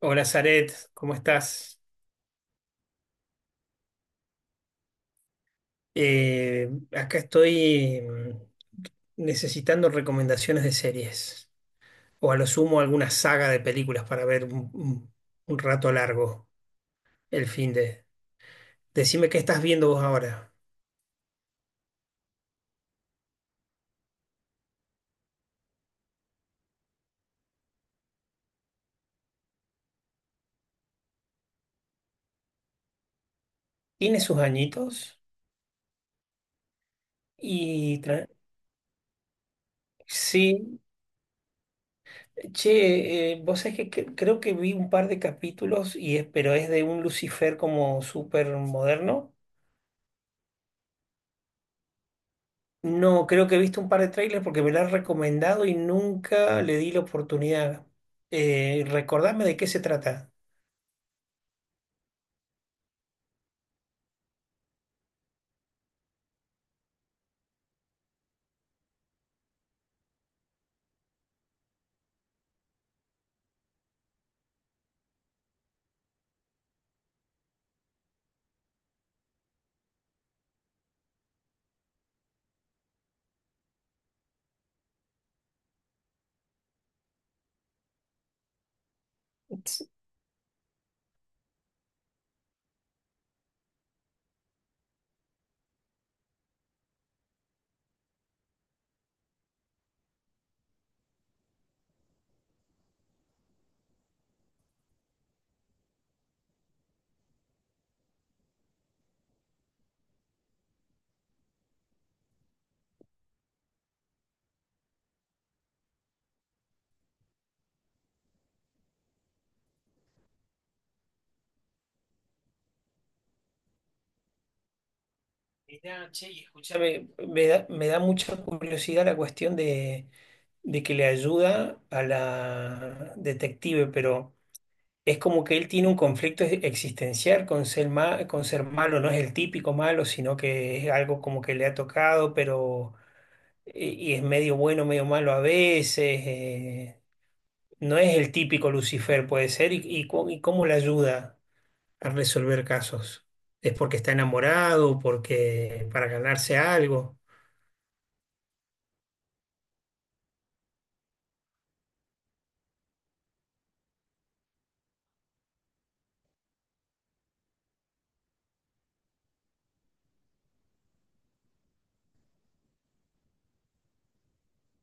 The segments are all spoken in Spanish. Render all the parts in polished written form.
Hola, Zaret, ¿cómo estás? Eh, Acá estoy necesitando recomendaciones de series o a lo sumo alguna saga de películas para ver un rato largo el fin de Decime qué estás viendo vos ahora. Tiene sus añitos y Sí, che, vos sabés que creo que vi un par de capítulos, pero es de un Lucifer como súper moderno. No, creo que he visto un par de trailers porque me la han recomendado y nunca le di la oportunidad. Recordame de qué se trata. Mirá, che, y escúchame, me da mucha curiosidad la cuestión de que le ayuda a la detective, pero es como que él tiene un conflicto existencial con ser malo, no es el típico malo, sino que es algo como que le ha tocado, pero y es medio bueno, medio malo a veces. No es el típico Lucifer, puede ser, y cómo le ayuda a resolver casos. ¿Es porque está enamorado, porque para ganarse algo?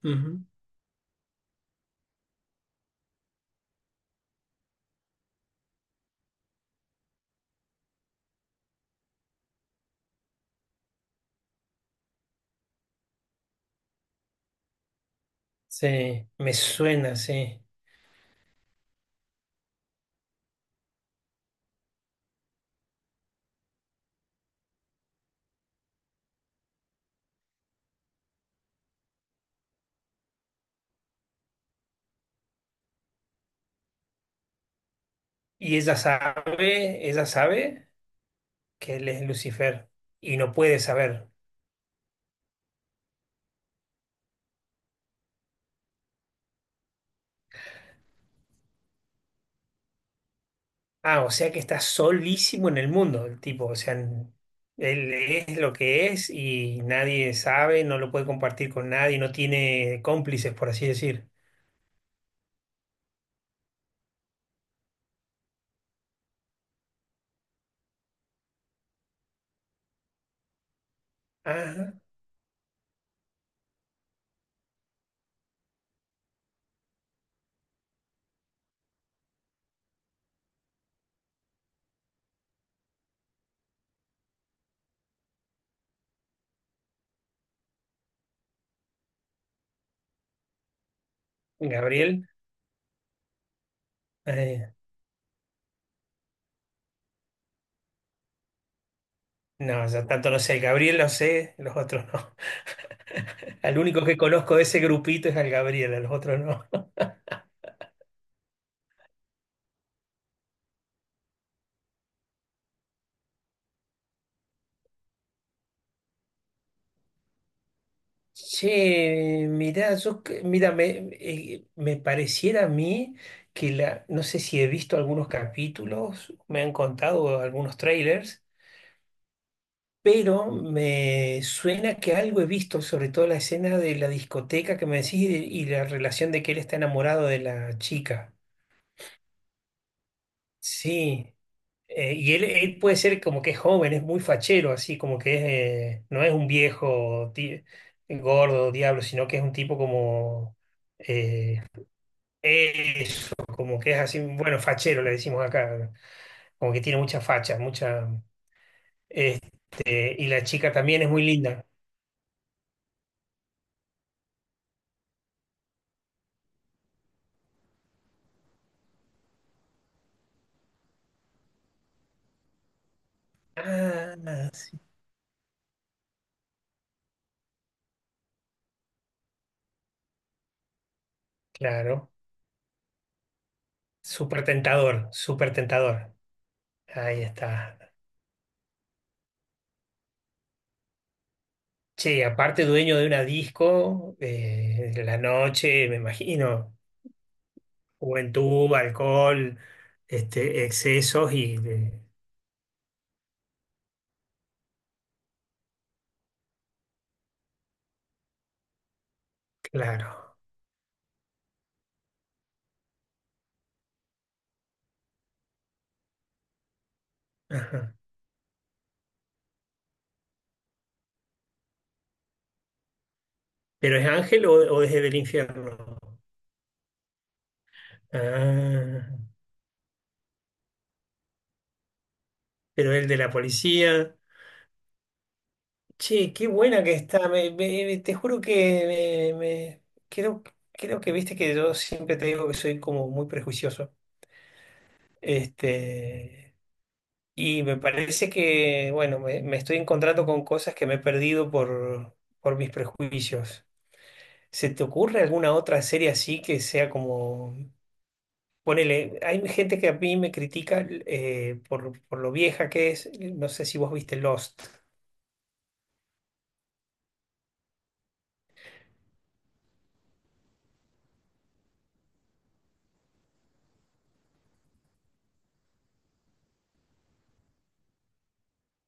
Ujú. Sí, me suena, sí. Y ella sabe que él es Lucifer y no puede saber. Ah, o sea que está solísimo en el mundo el tipo, o sea, él es lo que es y nadie sabe, no lo puede compartir con nadie, no tiene cómplices, por así decir. Ah, Gabriel. Eh, no, yo tanto no sé. El Gabriel lo sé, los otros no. Al único que conozco de ese grupito es al Gabriel, a los otros no. Che, mirá, yo, mira, me pareciera a mí que la, no sé si he visto algunos capítulos, me han contado algunos trailers, pero me suena que algo he visto, sobre todo la escena de la discoteca que me decís y la relación de que él está enamorado de la chica. Sí. Y él puede ser como que es joven, es muy fachero, así como que no es un viejo gordo, diablo, sino que es un tipo como eh, eso, como que es así, bueno, fachero le decimos acá, como que tiene mucha facha, mucha, este, y la chica también es muy linda. Ah, sí, claro, súper tentador, súper tentador. Ahí está. Che, aparte dueño de una disco, de la noche, me imagino. Juventud, alcohol, este, excesos y claro. Ajá. ¿Pero es ángel o, desde el infierno? Ah, pero el de la policía. Che, qué buena que está. Te juro que creo, creo que viste que yo siempre te digo que soy como muy prejuicioso. Este, y me parece que, bueno, me estoy encontrando con cosas que me he perdido por mis prejuicios. ¿Se te ocurre alguna otra serie así que sea como, ponele, hay gente que a mí me critica por lo vieja que es, no sé si vos viste Lost.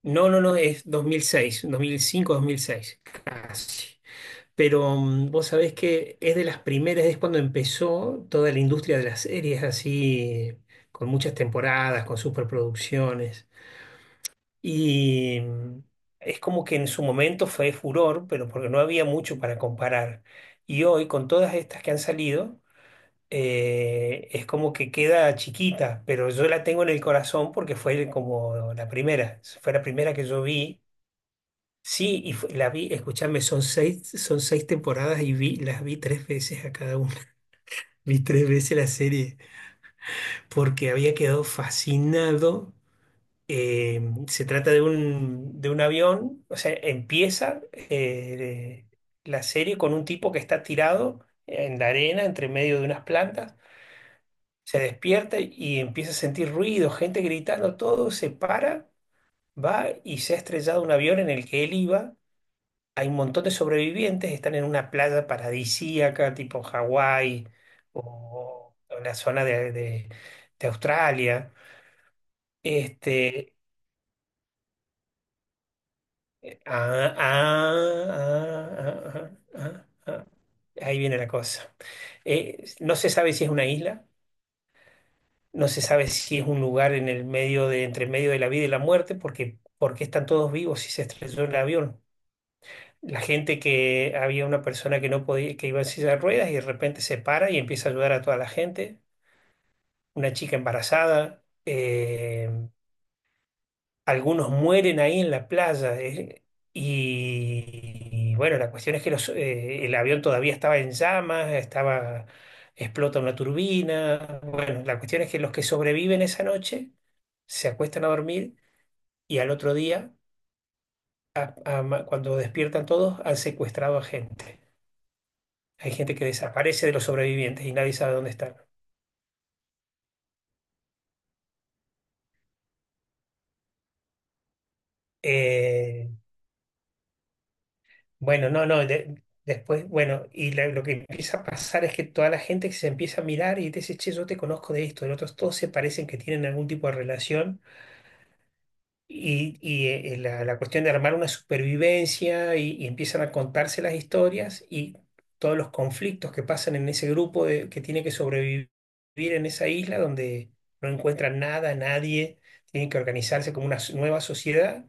No, no, no, es dos mil seis 2005 2006 casi. Pero vos sabés que es de las primeras, es cuando empezó toda la industria de las series así, con muchas temporadas, con superproducciones. Y es como que en su momento fue furor, pero porque no había mucho para comparar. Y hoy, con todas estas que han salido, es como que queda chiquita, pero yo la tengo en el corazón porque fue como la primera. Fue la primera que yo vi. Sí, y la vi, escúchame, son seis temporadas y las vi tres veces a cada una. Vi tres veces la serie porque había quedado fascinado. Eh, Se trata de un avión, o sea, empieza la serie con un tipo que está tirado en la arena, entre medio de unas plantas, se despierta y empieza a sentir ruido, gente gritando, todo, se para, va y se ha estrellado un avión en el que él iba. Hay un montón de sobrevivientes, están en una playa paradisíaca, tipo Hawái o, la zona de Australia. Este, ah, ah, ah, ah, ah, ah. Ahí viene la cosa. No se sabe si es una isla, no se sabe si es un lugar en el medio de, entre medio de la vida y la muerte, porque, están todos vivos si se estrelló el avión. La gente que había una persona que no podía, que iba en silla de ruedas y de repente se para y empieza a ayudar a toda la gente. Una chica embarazada. Algunos mueren ahí en la playa. Y bueno, la cuestión es que el avión todavía estaba en llamas, estaba, explota una turbina. Bueno, la cuestión es que los que sobreviven esa noche se acuestan a dormir y al otro día, cuando despiertan todos, han secuestrado a gente. Hay gente que desaparece de los sobrevivientes y nadie sabe dónde están. Eh, Bueno, no, no, después, bueno, y lo que empieza a pasar es que toda la gente que se empieza a mirar y te dice, che, yo te conozco de esto, de otros, todos se parecen que tienen algún tipo de relación y, la cuestión de armar una supervivencia y empiezan a contarse las historias y todos los conflictos que pasan en ese grupo que tiene que sobrevivir en esa isla donde no encuentran nada, nadie, tienen que organizarse como una nueva sociedad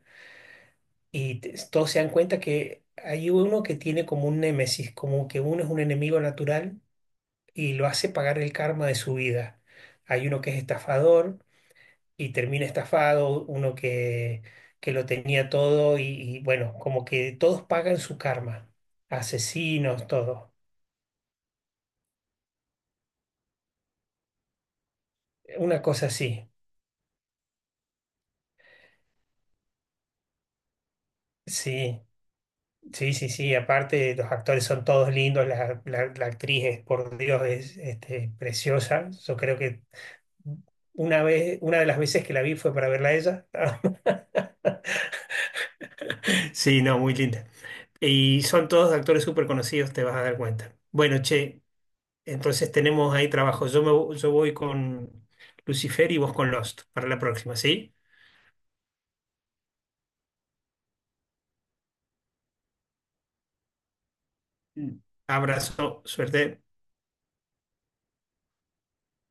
y todos se dan cuenta que hay uno que tiene como un némesis, como que uno es un enemigo natural y lo hace pagar el karma de su vida. Hay uno que es estafador y termina estafado, uno que lo tenía todo y bueno, como que todos pagan su karma, asesinos, todo. Una cosa así, sí. Sí, sí, sí, aparte los actores son todos lindos, la actriz es, por Dios, es este, preciosa, yo creo que. Una vez, una de las veces que la vi fue para verla a ella. Sí, no, muy linda. Y son todos actores súper conocidos, te vas a dar cuenta. Bueno, che, entonces tenemos ahí trabajo. Yo voy con Lucifer y vos con Lost para la próxima, ¿sí? Mm. Abrazo, suerte.